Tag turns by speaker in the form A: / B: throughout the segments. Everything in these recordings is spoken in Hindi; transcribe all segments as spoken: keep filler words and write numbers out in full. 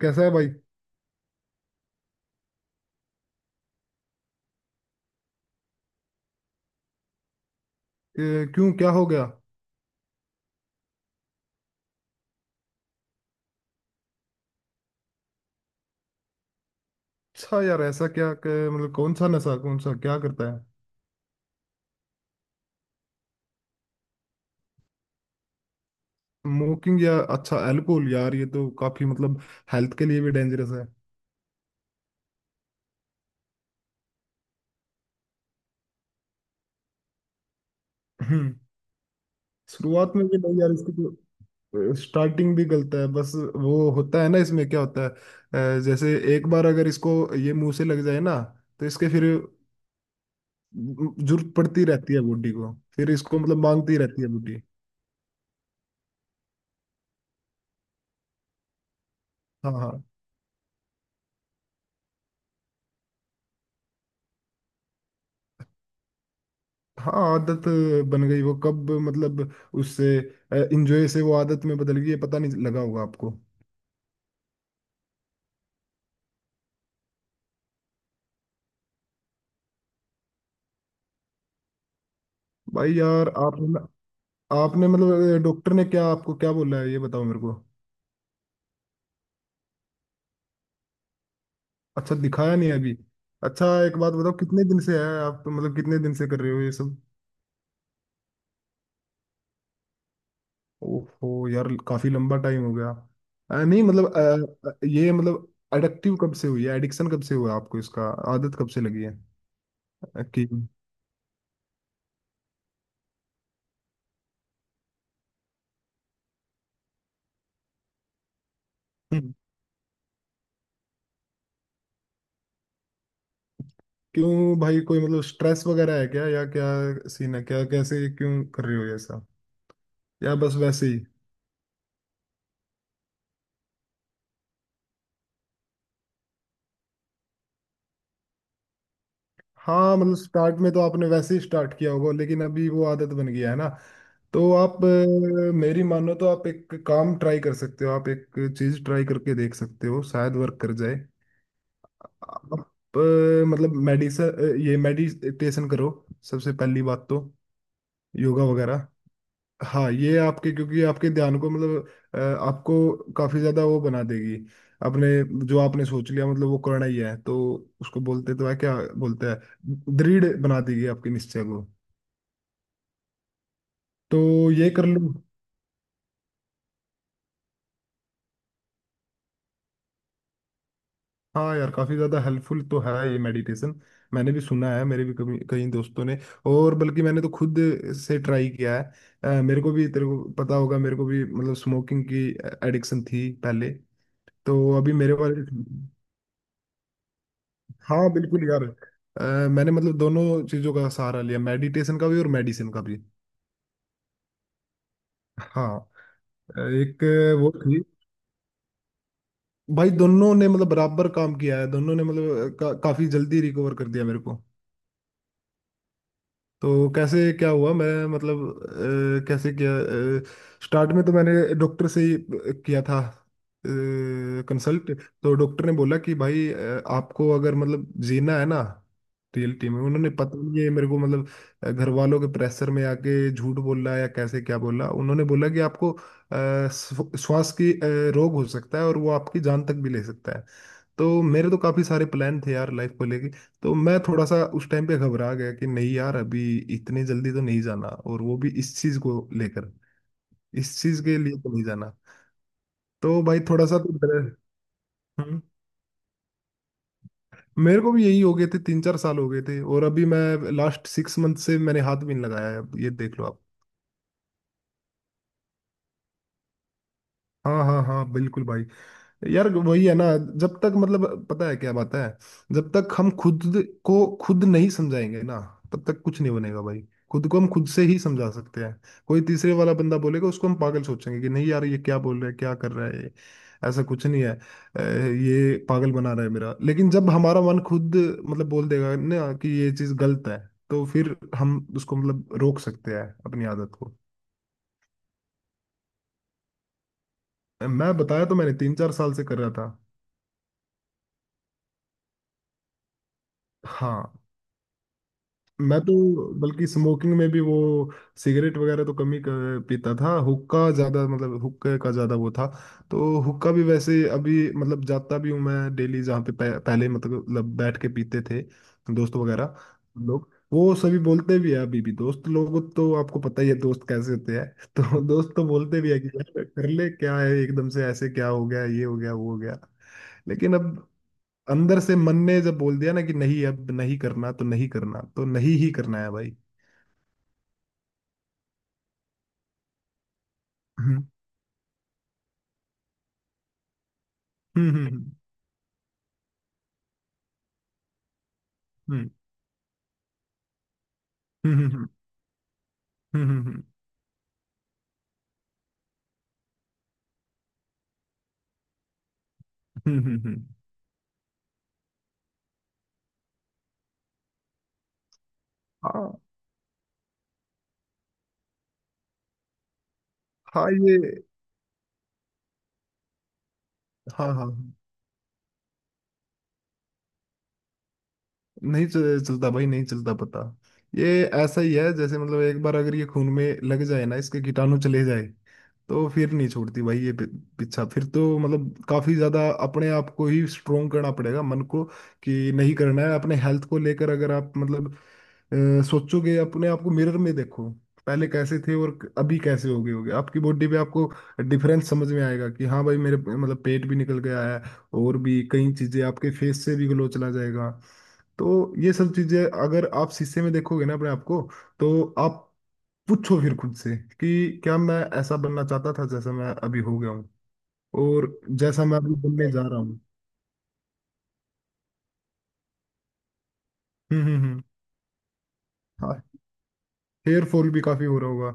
A: कैसा है भाई। ए, क्यों क्या हो गया? अच्छा यार ऐसा क्या क- मतलब कौन सा नशा, कौन सा क्या करता है? स्मोकिंग या अच्छा अल्कोहल। यार ये तो काफी मतलब हेल्थ के लिए भी डेंजरस है। हम्म। शुरुआत में भी नहीं यार इसकी, तो स्टार्टिंग भी गलत है बस। वो होता है ना, इसमें क्या होता है अ, जैसे एक बार अगर इसको ये मुंह से लग जाए ना, तो इसके फिर जरूरत पड़ती रहती है बॉडी को, फिर इसको मतलब मांगती रहती है बॉडी। हाँ हाँ। हाँ आदत बन गई वो कब मतलब, उससे इंजॉय से वो आदत में बदल गई, ये पता नहीं लगा होगा आपको। भाई यार आपने आपने मतलब डॉक्टर ने क्या आपको क्या बोला है, ये बताओ मेरे को। अच्छा दिखाया नहीं अभी। अच्छा एक बात बताओ, कितने दिन से है आप मतलब कितने दिन से कर रहे हो ये सब? ओहो यार काफी लंबा टाइम हो गया। अ, नहीं मतलब अ, अ, ये मतलब एडिक्टिव कब से हुई है, एडिक्शन कब से हुआ आपको इसका, आदत कब से लगी है? अ, कि क्यों भाई कोई मतलब स्ट्रेस वगैरह है क्या, या क्या सीन है, क्या कैसे क्यों कर रही हो ये सब, या बस वैसे ही? हाँ मतलब स्टार्ट में तो आपने वैसे ही स्टार्ट किया होगा, लेकिन अभी वो आदत बन गया है ना। तो आप अ, मेरी मानो तो आप एक काम ट्राई कर सकते हो, आप एक चीज ट्राई करके देख सकते हो, शायद वर्क कर जाए। आप अ, मतलब मेडिसन ये मेडिटेशन करो, सबसे पहली बात तो योगा वगैरह। हाँ ये आपके, क्योंकि आपके ध्यान को मतलब अ, आपको काफी ज्यादा वो बना देगी। आपने जो आपने सोच लिया मतलब वो करना ही है, तो उसको बोलते तो है क्या बोलते हैं, दृढ़ बना देगी आपके निश्चय को। तो ये कर लूँ। हाँ यार काफी ज्यादा हेल्पफुल तो है ये मेडिटेशन। मैंने भी सुना है, मेरे भी कभी कई दोस्तों ने, और बल्कि मैंने तो खुद से ट्राई किया है। अ, मेरे को भी, तेरे को पता होगा, मेरे को भी मतलब स्मोकिंग की एडिक्शन थी पहले, तो अभी मेरे पास। हाँ बिल्कुल यार। अ, मैंने मतलब दोनों चीजों का सहारा लिया, मेडिटेशन का भी और मेडिसिन का भी। हाँ। अ, एक वो थी। भाई दोनों ने मतलब बराबर काम किया है, दोनों ने मतलब का, काफी जल्दी रिकवर कर दिया मेरे को। तो कैसे क्या हुआ मैं मतलब अ, कैसे किया, स्टार्ट में तो मैंने डॉक्टर से ही अ, किया था कंसल्ट। तो डॉक्टर ने बोला कि भाई अ, आपको अगर मतलब जीना है ना, रियलिटी में उन्होंने पता नहीं है मेरे को मतलब अ, घर वालों के प्रेशर में आके झूठ बोला या कैसे क्या बोला, उन्होंने बोला कि आपको अ, स्व- श्वास की अ, रोग हो सकता है और वो आपकी जान तक भी ले सकता है। तो मेरे तो काफी सारे प्लान थे यार लाइफ को, तो मैं थोड़ा सा उस टाइम पे घबरा गया कि नहीं यार अभी इतने जल्दी तो नहीं जाना, और वो भी इस चीज को लेकर, इस चीज के लिए तो नहीं जाना। तो भाई थोड़ा सा तो डर। हम्म। मेरे को भी यही, हो गए थे तीन चार साल हो गए थे, और अभी मैं लास्ट सिक्स मंथ से मैंने हाथ भी नहीं लगाया है, अब ये देख लो आप। हाँ हाँ हाँ बिल्कुल भाई। यार वही है ना, जब तक मतलब पता है क्या बात है, जब तक हम खुद को खुद नहीं समझाएंगे ना, तब तक कुछ नहीं बनेगा भाई। खुद को हम खुद से ही समझा सकते हैं। कोई तीसरे वाला बंदा बोलेगा उसको हम पागल सोचेंगे कि नहीं यार ये क्या बोल रहा है, क्या कर रहा है ये, ऐसा कुछ नहीं है अ, ये पागल बना रहा है मेरा। लेकिन जब हमारा मन खुद मतलब बोल देगा ना कि ये चीज़ गलत है, तो फिर हम उसको मतलब रोक सकते हैं अपनी आदत को। मैं बताया तो, मैंने तीन चार साल से कर रहा था। हाँ। मैं तो बल्कि स्मोकिंग में भी वो, सिगरेट वगैरह तो कम ही क- पीता था, हुक्का ज्यादा मतलब हुक्के का ज्यादा वो था। तो हुक्का भी वैसे अभी मतलब जाता भी हूँ मैं डेली, जहाँ पे पह, पहले मतलब बैठ के पीते थे दोस्त वगैरह लोग, वो सभी बोलते भी है अभी भी। दोस्त लोग तो आपको पता ही है दोस्त कैसे होते हैं। तो दोस्त तो बोलते भी है कि यार कर ले, क्या है, एकदम से ऐसे क्या हो गया, ये हो गया वो हो गया। लेकिन अब अंदर से मन ने जब बोल दिया ना कि नहीं अब नहीं करना, तो नहीं करना, तो नहीं ही करना है भाई। हम्म। हम्म हम्म हम्म हम्म हम्म हम्म हम्म हम्म हम्म, हम्म, हम्म, हम्म। हम्म। हाँ हाँ, ये। हाँ हाँ हाँ। नहीं चल- चलता भाई, नहीं चलता पता। ये ऐसा ही है जैसे मतलब एक बार अगर ये खून में लग जाए ना, इसके कीटाणु चले जाए, तो फिर नहीं छोड़ती भाई ये, पि- पीछा फिर तो मतलब। काफी ज्यादा अपने आप को ही स्ट्रोंग करना पड़ेगा, मन को कि नहीं करना है। अपने हेल्थ को लेकर अगर आप मतलब अ, सोचोगे, अपने आप को मिरर में देखो पहले कैसे थे और क- अभी कैसे हो गए होगे, आपकी बॉडी पे आपको डिफरेंस समझ में आएगा कि हाँ भाई मेरे मतलब पेट भी निकल गया है, और भी कई चीजें, आपके फेस से भी ग्लो चला जाएगा। तो ये सब चीजें अगर आप शीशे में देखोगे ना अपने आप को, तो आप पूछो फिर खुद से कि क्या मैं ऐसा बनना चाहता था जैसा मैं अभी हो गया हूँ, और जैसा मैं अभी बनने जा रहा हूँ। हम्म। हम्म हम्म हाँ हेयर फॉल भी काफी हो रहा होगा।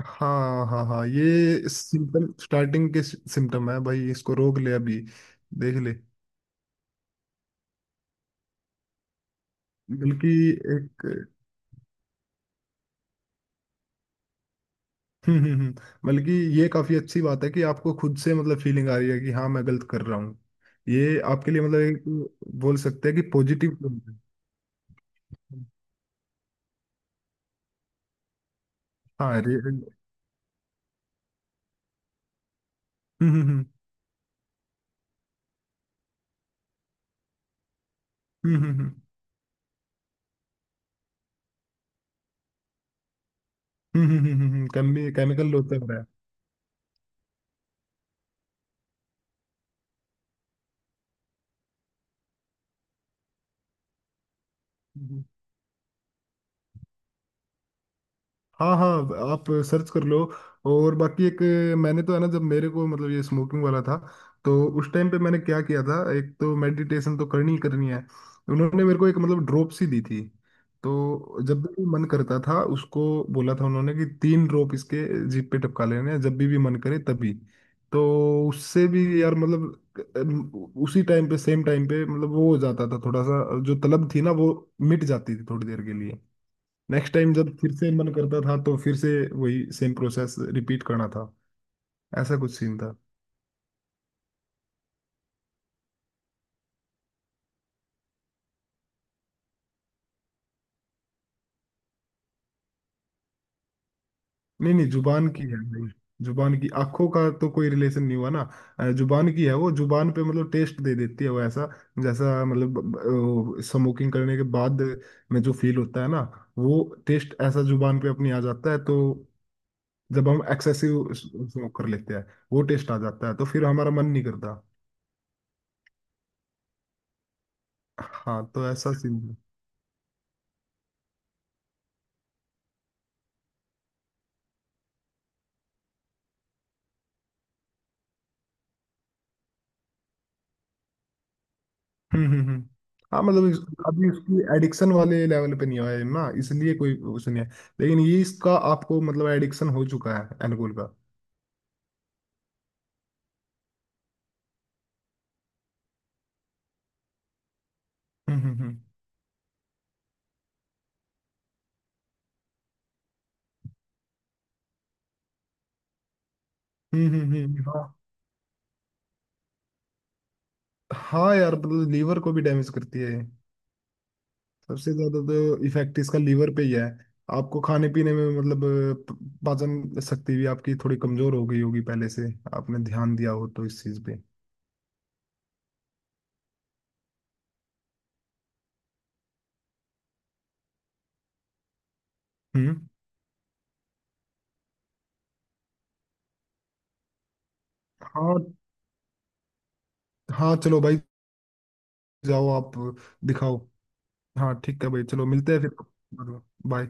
A: हाँ हाँ हाँ ये सिम्टम, स्टार्टिंग के सिम्टम है भाई, इसको रोक ले अभी, देख ले। बल्कि एक, हम्म हम्म, हम्म। बल्कि ये काफी अच्छी बात है कि आपको खुद से मतलब फीलिंग आ रही है कि हाँ मैं गलत कर रहा हूँ, ये आपके लिए मतलब एक बोल सकते हैं कि पॉजिटिव। हाँ रे- हम्म हम्म हम्म हम्म हम्म हम्म हम्म हम्म, हम्म, हम्म, हम्म। केमी- केमिकल लोचर है। हाँ हाँ आप सर्च कर लो। और बाकी एक, मैंने तो है ना, जब मेरे को मतलब ये स्मोकिंग वाला था, तो उस टाइम पे मैंने क्या किया था, एक तो मेडिटेशन तो करनी ही करनी है, उन्होंने मेरे को एक मतलब ड्रॉप सी दी थी, तो जब भी मन करता था उसको, बोला था उन्होंने कि तीन ड्रॉप इसके जीभ पे टपका लेने हैं, जब भी भी मन करे तभी। तो उससे भी यार मतलब अम, उसी टाइम पे सेम टाइम पे मतलब वो हो जाता था थोड़ा सा, जो तलब थी ना वो मिट जाती थी थोड़ी देर के लिए। नेक्स्ट टाइम जब फिर से मन करता था, तो फिर से वही सेम प्रोसेस रिपीट करना था। ऐसा कुछ सीन था। नहीं नहीं जुबान की है भाई, जुबान की, आंखों का तो कोई रिलेशन नहीं हुआ ना। अ, जुबान की है, वो जुबान पे मतलब टेस्ट दे देती है वो, ऐसा जैसा मतलब स्मोकिंग करने के बाद में जो फील होता है ना, वो टेस्ट ऐसा जुबान पे अपनी आ जाता है। तो जब हम एक्सेसिव स्मोक कर लेते हैं, वो टेस्ट आ जाता है तो फिर हमारा मन नहीं करता। हाँ तो ऐसा सीन। हम्म। हम्म हम्म। हाँ मतलब इस- अभी उसकी एडिक्शन वाले लेवल पे नहीं आया है ना, इसलिए कोई उसे नहीं है। लेकिन ये इसका आपको मतलब एडिक्शन हो चुका है एल्कोहल का। हम्म हम्म हम्म हम्म हम्म, हम्म। हाँ। हाँ यार मतलब लीवर को भी डैमेज करती है ये। सबसे ज्यादा तो इफेक्ट इसका लीवर पे ही है। आपको खाने पीने में मतलब अ, प- पाचन शक्ति भी आपकी थोड़ी कमजोर हो गई होगी पहले से, आपने ध्यान दिया हो तो इस चीज पे। हम्म। हाँ हाँ चलो भाई, जाओ आप, दिखाओ। हाँ ठीक है भाई चलो मिलते हैं फिर। बाय।